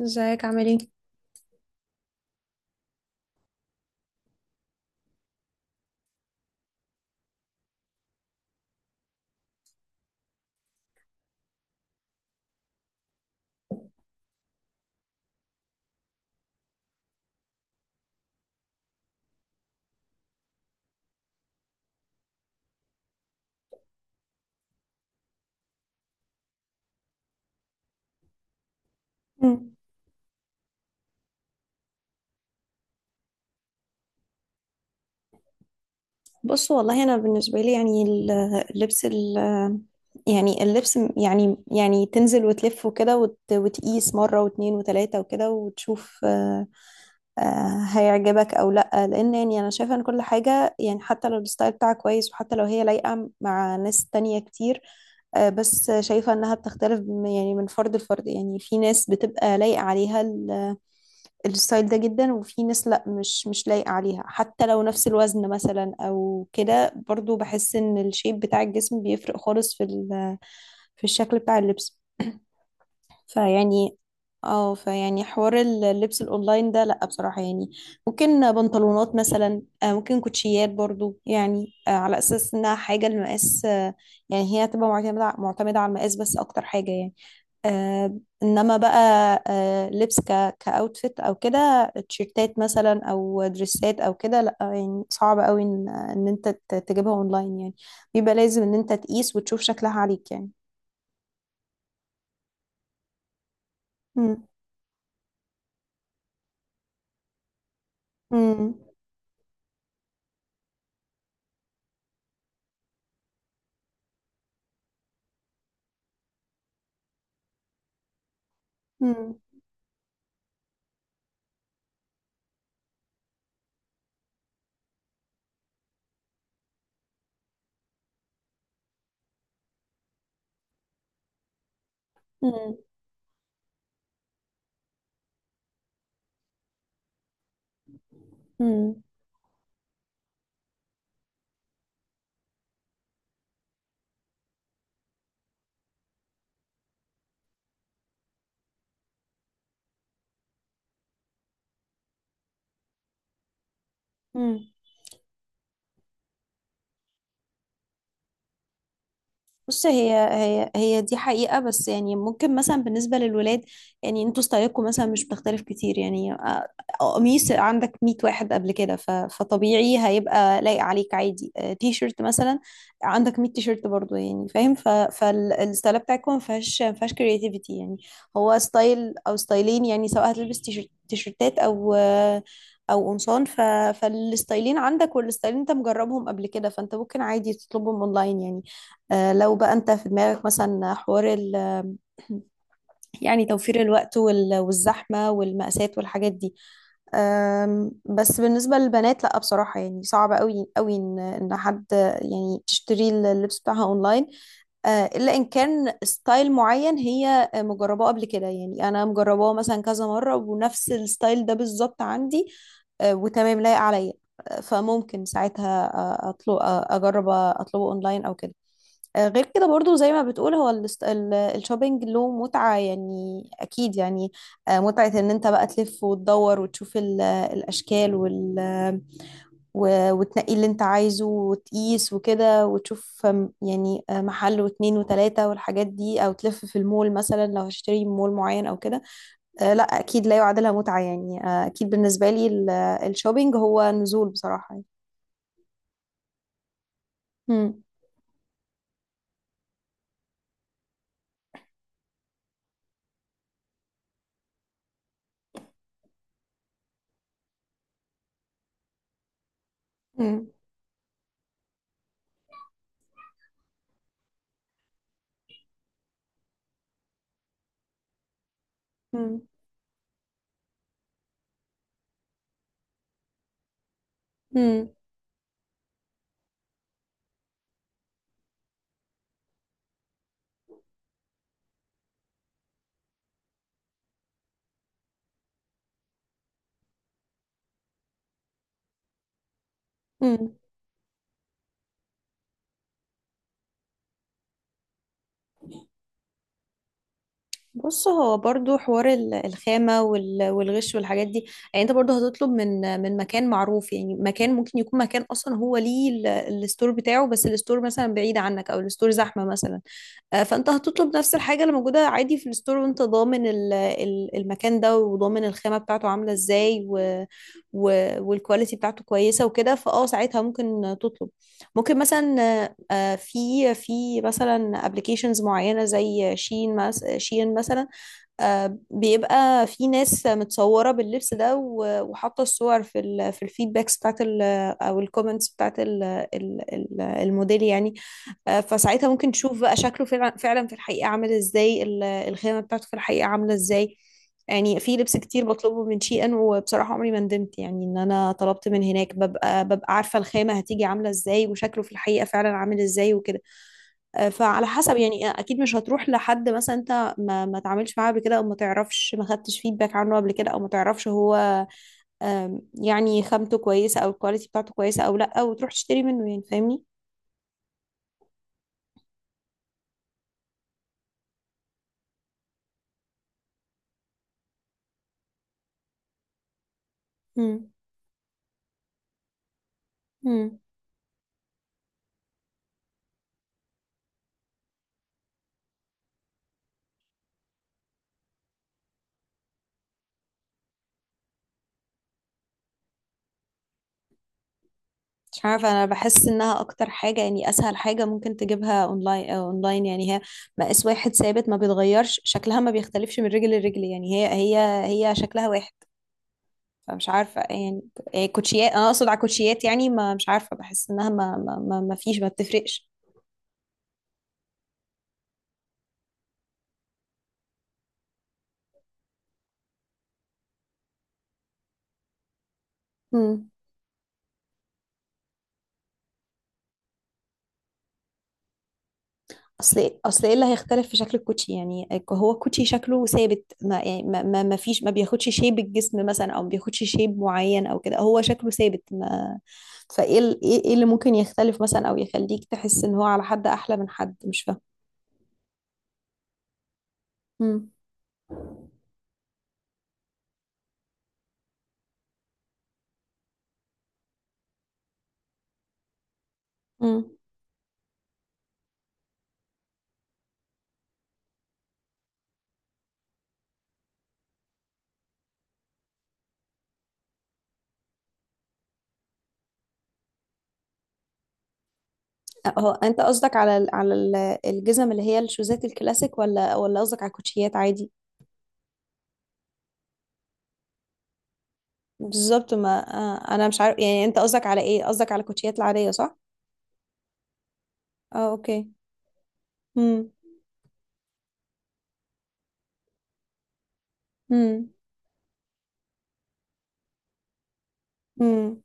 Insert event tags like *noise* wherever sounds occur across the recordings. ازيك عامل ايه؟ مم. بص، والله انا بالنسبه لي، يعني ال- اللبس ال يعني اللبس م- يعني تنزل وتلف وكده وتقيس مره واتنين وتلاته وكده وتشوف هيعجبك او لا، لان يعني انا شايفه ان كل حاجه، يعني حتى لو الستايل بتاعك كويس وحتى لو هي لايقه مع ناس تانية كتير. بس شايفه انها بتختلف يعني من فرد لفرد. يعني في ناس بتبقى لايقه عليها الستايل ده جدا، وفي ناس لا، مش لايقه عليها حتى لو نفس الوزن مثلا او كده. برضو بحس ان الشيب بتاع الجسم بيفرق خالص في الشكل بتاع اللبس. فيعني اه فيعني حوار اللبس الاونلاين ده لا بصراحة، يعني ممكن بنطلونات مثلا، ممكن كوتشيات برضو، يعني على اساس انها حاجة المقاس. يعني هي هتبقى معتمدة معتمدة على المقاس بس اكتر حاجة. يعني انما بقى لبس كاوتفيت او كده، تيشيرتات مثلا او دريسات او كده، لا يعني صعب قوي ان انت تجيبها اونلاين. يعني بيبقى لازم ان انت تقيس وتشوف شكلها عليك يعني. مم. مم. مم. مم. مم. بص، هي دي حقيقة، بس يعني ممكن مثلا بالنسبة للولاد، يعني انتوا ستايلكم مثلا مش بتختلف كتير. يعني قميص عندك 100 واحد قبل كده، فطبيعي هيبقى لايق عليك عادي. تي شيرت مثلا عندك 100 تي شيرت برضه، يعني فاهم. فالستايل بتاعكم ما فيهاش كرياتيفيتي. يعني هو ستايل او ستايلين، يعني سواء هتلبس تي شيرتات او او قمصان فالستايلين عندك، والستايلين انت مجربهم قبل كده، فانت ممكن عادي تطلبهم اونلاين يعني. لو بقى انت في دماغك مثلا حوار توفير الوقت والزحمة والمقاسات والحاجات دي. بس بالنسبة للبنات لا بصراحة، يعني صعب قوي قوي ان حد يعني تشتري اللبس بتاعها اونلاين. الا ان كان ستايل معين هي مجرباه قبل كده، يعني انا مجرباه مثلا كذا مرة ونفس الستايل ده بالظبط عندي وتمام لايق عليا. فممكن ساعتها آه، اطلب آه، اجرب اطلبه اونلاين او كده. غير كده برضو زي ما بتقول، هو الشوبينج له متعة يعني، أكيد يعني. متعة إن أنت بقى تلف وتدور وتشوف الأشكال وتنقي اللي أنت عايزه وتقيس وكده وتشوف. يعني محل واتنين وتلاتة والحاجات دي، أو تلف في المول مثلا لو هشتري من مول معين أو كده. لا أكيد لا يعادلها متعة يعني. أكيد بالنسبة لي الشوبينج هو نزول بصراحة يعني. مم. مم. مم. مم. مم. بص، هو برضو حوار الخامة والغش والحاجات دي. يعني انت برضو هتطلب من مكان معروف. يعني مكان ممكن يكون مكان اصلا هو ليه الستور بتاعه، بس الستور مثلا بعيد عنك او الستور زحمة مثلا. فانت هتطلب نفس الحاجة اللي موجودة عادي في الستور، وانت ضامن المكان ده، وضامن الخامة بتاعته عاملة ازاي، والكواليتي بتاعته كويسة وكده، فاه ساعتها ممكن تطلب ممكن مثلا. في مثلا ابلكيشنز معينة زي شين مثلا. بيبقى في ناس متصورة باللبس ده، وحاطة الصور في ال في الفيدباكس بتاعت ال، أو الكومنتس بتاعت ال الموديل يعني. فساعتها ممكن تشوف بقى شكله فعلا في الحقيقة عامل ازاي، الخامة بتاعته في الحقيقة عاملة ازاي. يعني في لبس كتير بطلبه من شي ان، وبصراحة عمري ما ندمت يعني ان انا طلبت من هناك. ببقى عارفة الخامة هتيجي عاملة ازاي، وشكله في الحقيقة فعلا عامل ازاي وكده. فعلى حسب يعني. اكيد مش هتروح لحد مثلا انت ما تعاملش معاه قبل كده، او ما تعرفش ما خدتش فيدباك عنه قبل كده، او ما تعرفش هو يعني خامته كويسه او الكواليتي بتاعته كويسه او لا، وتروح تشتري منه يعني، فاهمني. مم. مم. مش عارفه، انا بحس انها اكتر حاجه، يعني اسهل حاجه ممكن تجيبها اونلاين. اونلاين يعني هي مقاس واحد ثابت، ما بيتغيرش شكلها، ما بيختلفش من رجل لرجل. يعني هي شكلها واحد، فمش عارفة يعني. إيه كوتشيات، أنا أقصد على كوتشيات. يعني ما مش عارفة، بحس إنها ما فيش، ما بتفرقش. مم. أصل إيه اللي هيختلف في شكل الكوتشي؟ يعني هو الكوتشي شكله ثابت ما. يعني ما فيش، ما بياخدش شيب الجسم مثلا، أو ما بياخدش شيب معين أو كده. هو شكله ثابت ما، فإيه ال- إيه إيه اللي ممكن يختلف مثلا، أو يخليك تحس إن هو على حد أحلى من حد؟ مش فاهمة. مم. مم. هو أنت قصدك على الجزم اللي هي الشوزات الكلاسيك، ولا قصدك على الكوتشيات عادي؟ بالظبط ما. انا مش عارف، يعني انت قصدك على ايه؟ قصدك على الكوتشيات العاديه صح؟ اه اوكي. امم. امم. امم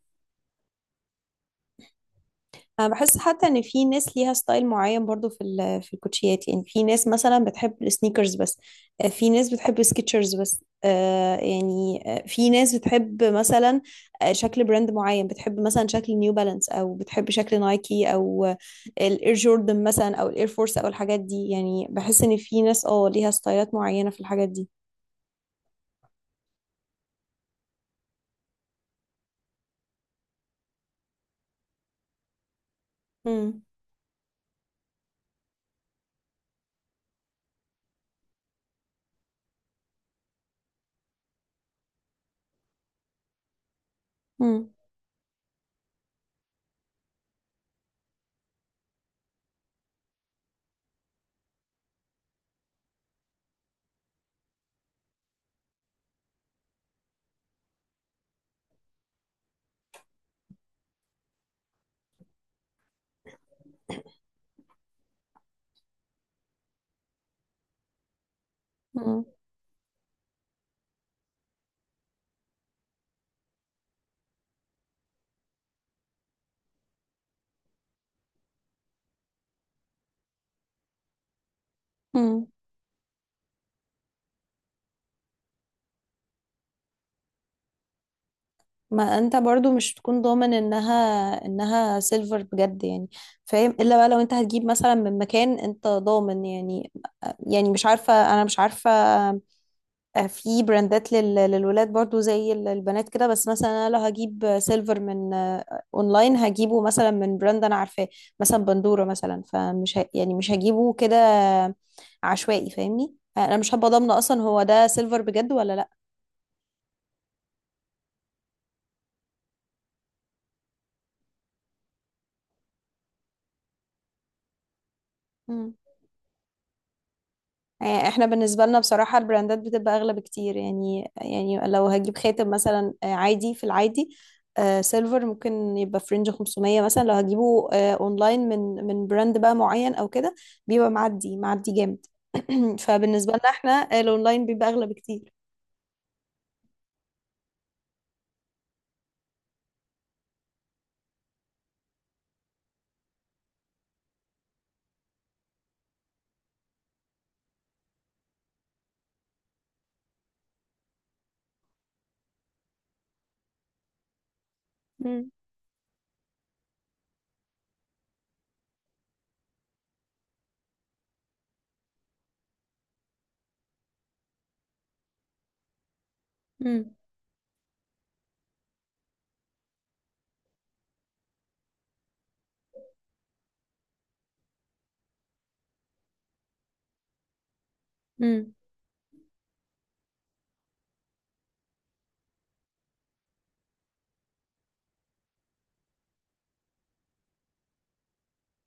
انا بحس حتى ان في ناس ليها ستايل معين برضو في الكوتشيات. يعني في ناس مثلا بتحب السنيكرز بس، في ناس بتحب سكيتشرز بس. في ناس بتحب مثلا شكل براند معين، بتحب مثلا شكل نيو بالانس، او بتحب شكل نايكي، او الاير جوردن مثلا، او الاير فورس، او الحاجات دي. يعني بحس ان في ناس اه ليها ستايلات معينه في الحاجات دي. مم. مم. مم. ما انت برضو مش تكون ضامن انها سيلفر بجد يعني، فاهم؟ الا بقى لو انت هتجيب مثلا من مكان انت ضامن يعني. يعني مش عارفة، انا مش عارفة. في براندات للولاد برضو زي البنات كده. بس مثلا انا لو هجيب سيلفر من اونلاين، هجيبه مثلا من براند انا عارفاه، مثلا بندورة مثلا. يعني مش هجيبه كده عشوائي، فاهمني؟ انا مش هبقى ضامنة اصلا هو ده سيلفر بجد ولا لا. يعني احنا بالنسبة لنا بصراحة البراندات بتبقى أغلى بكتير. يعني لو هجيب خاتم مثلا عادي في العادي، سيلفر ممكن يبقى في رينج 500 مثلا. لو هجيبه اونلاين من براند بقى معين او كده، بيبقى معدي معدي جامد. *clears throat* فبالنسبة لنا احنا الاونلاين بيبقى أغلى بكتير. مم. مم.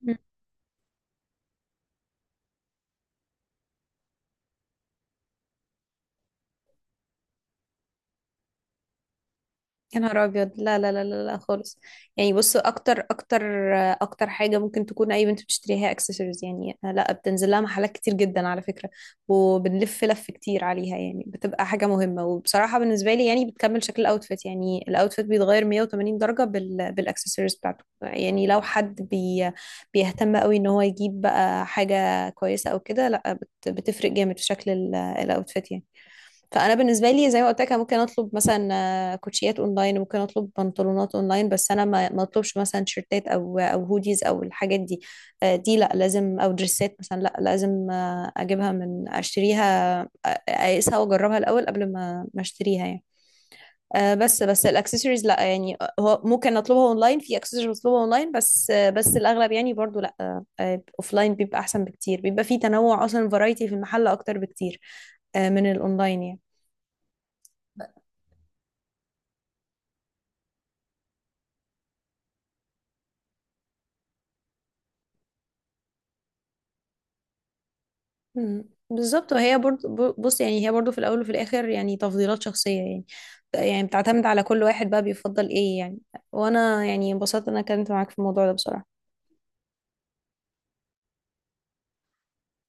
مم. يا نهار ابيض، لا لا لا لا لا خالص. يعني بص، اكتر اكتر حاجه ممكن تكون اي بنت بتشتريها اكسسوارز. يعني لا، بتنزل لها محلات كتير جدا على فكره، وبنلف لف كتير عليها. يعني بتبقى حاجه مهمه، وبصراحه بالنسبه لي يعني بتكمل شكل الاوتفيت. يعني الاوتفيت بيتغير 180 درجه بالاكسسوارز بتاعته. يعني لو حد بيهتم قوي ان هو يجيب بقى حاجه كويسه او كده، لا بتفرق جامد في شكل الاوتفيت يعني. فانا بالنسبه لي زي ما قلت لك، أنا ممكن اطلب مثلا كوتشيات اونلاين، ممكن اطلب بنطلونات اونلاين، بس انا ما اطلبش مثلا شيرتات او او هوديز او الحاجات دي. دي لا لازم، او دريسات مثلا لا لازم آه، اجيبها من اشتريها، اقيسها واجربها الاول قبل ما اشتريها يعني. بس الاكسسوارز لا يعني هو ممكن اطلبها اونلاين، في اكسسوارز بطلبها اونلاين، بس الاغلب يعني برضو لا. اوفلاين بيبقى احسن بكتير، بيبقى في تنوع اصلا، فرايتي في المحل اكتر بكتير من الاونلاين يعني. مم. بالظبط. وهي برضو بص، يعني هي برضو في الاول وفي الاخر يعني تفضيلات شخصيه. يعني يعني بتعتمد على كل واحد بقى بيفضل ايه يعني. وانا يعني انبسطت إن انا اتكلمت معاك في الموضوع ده بصراحه.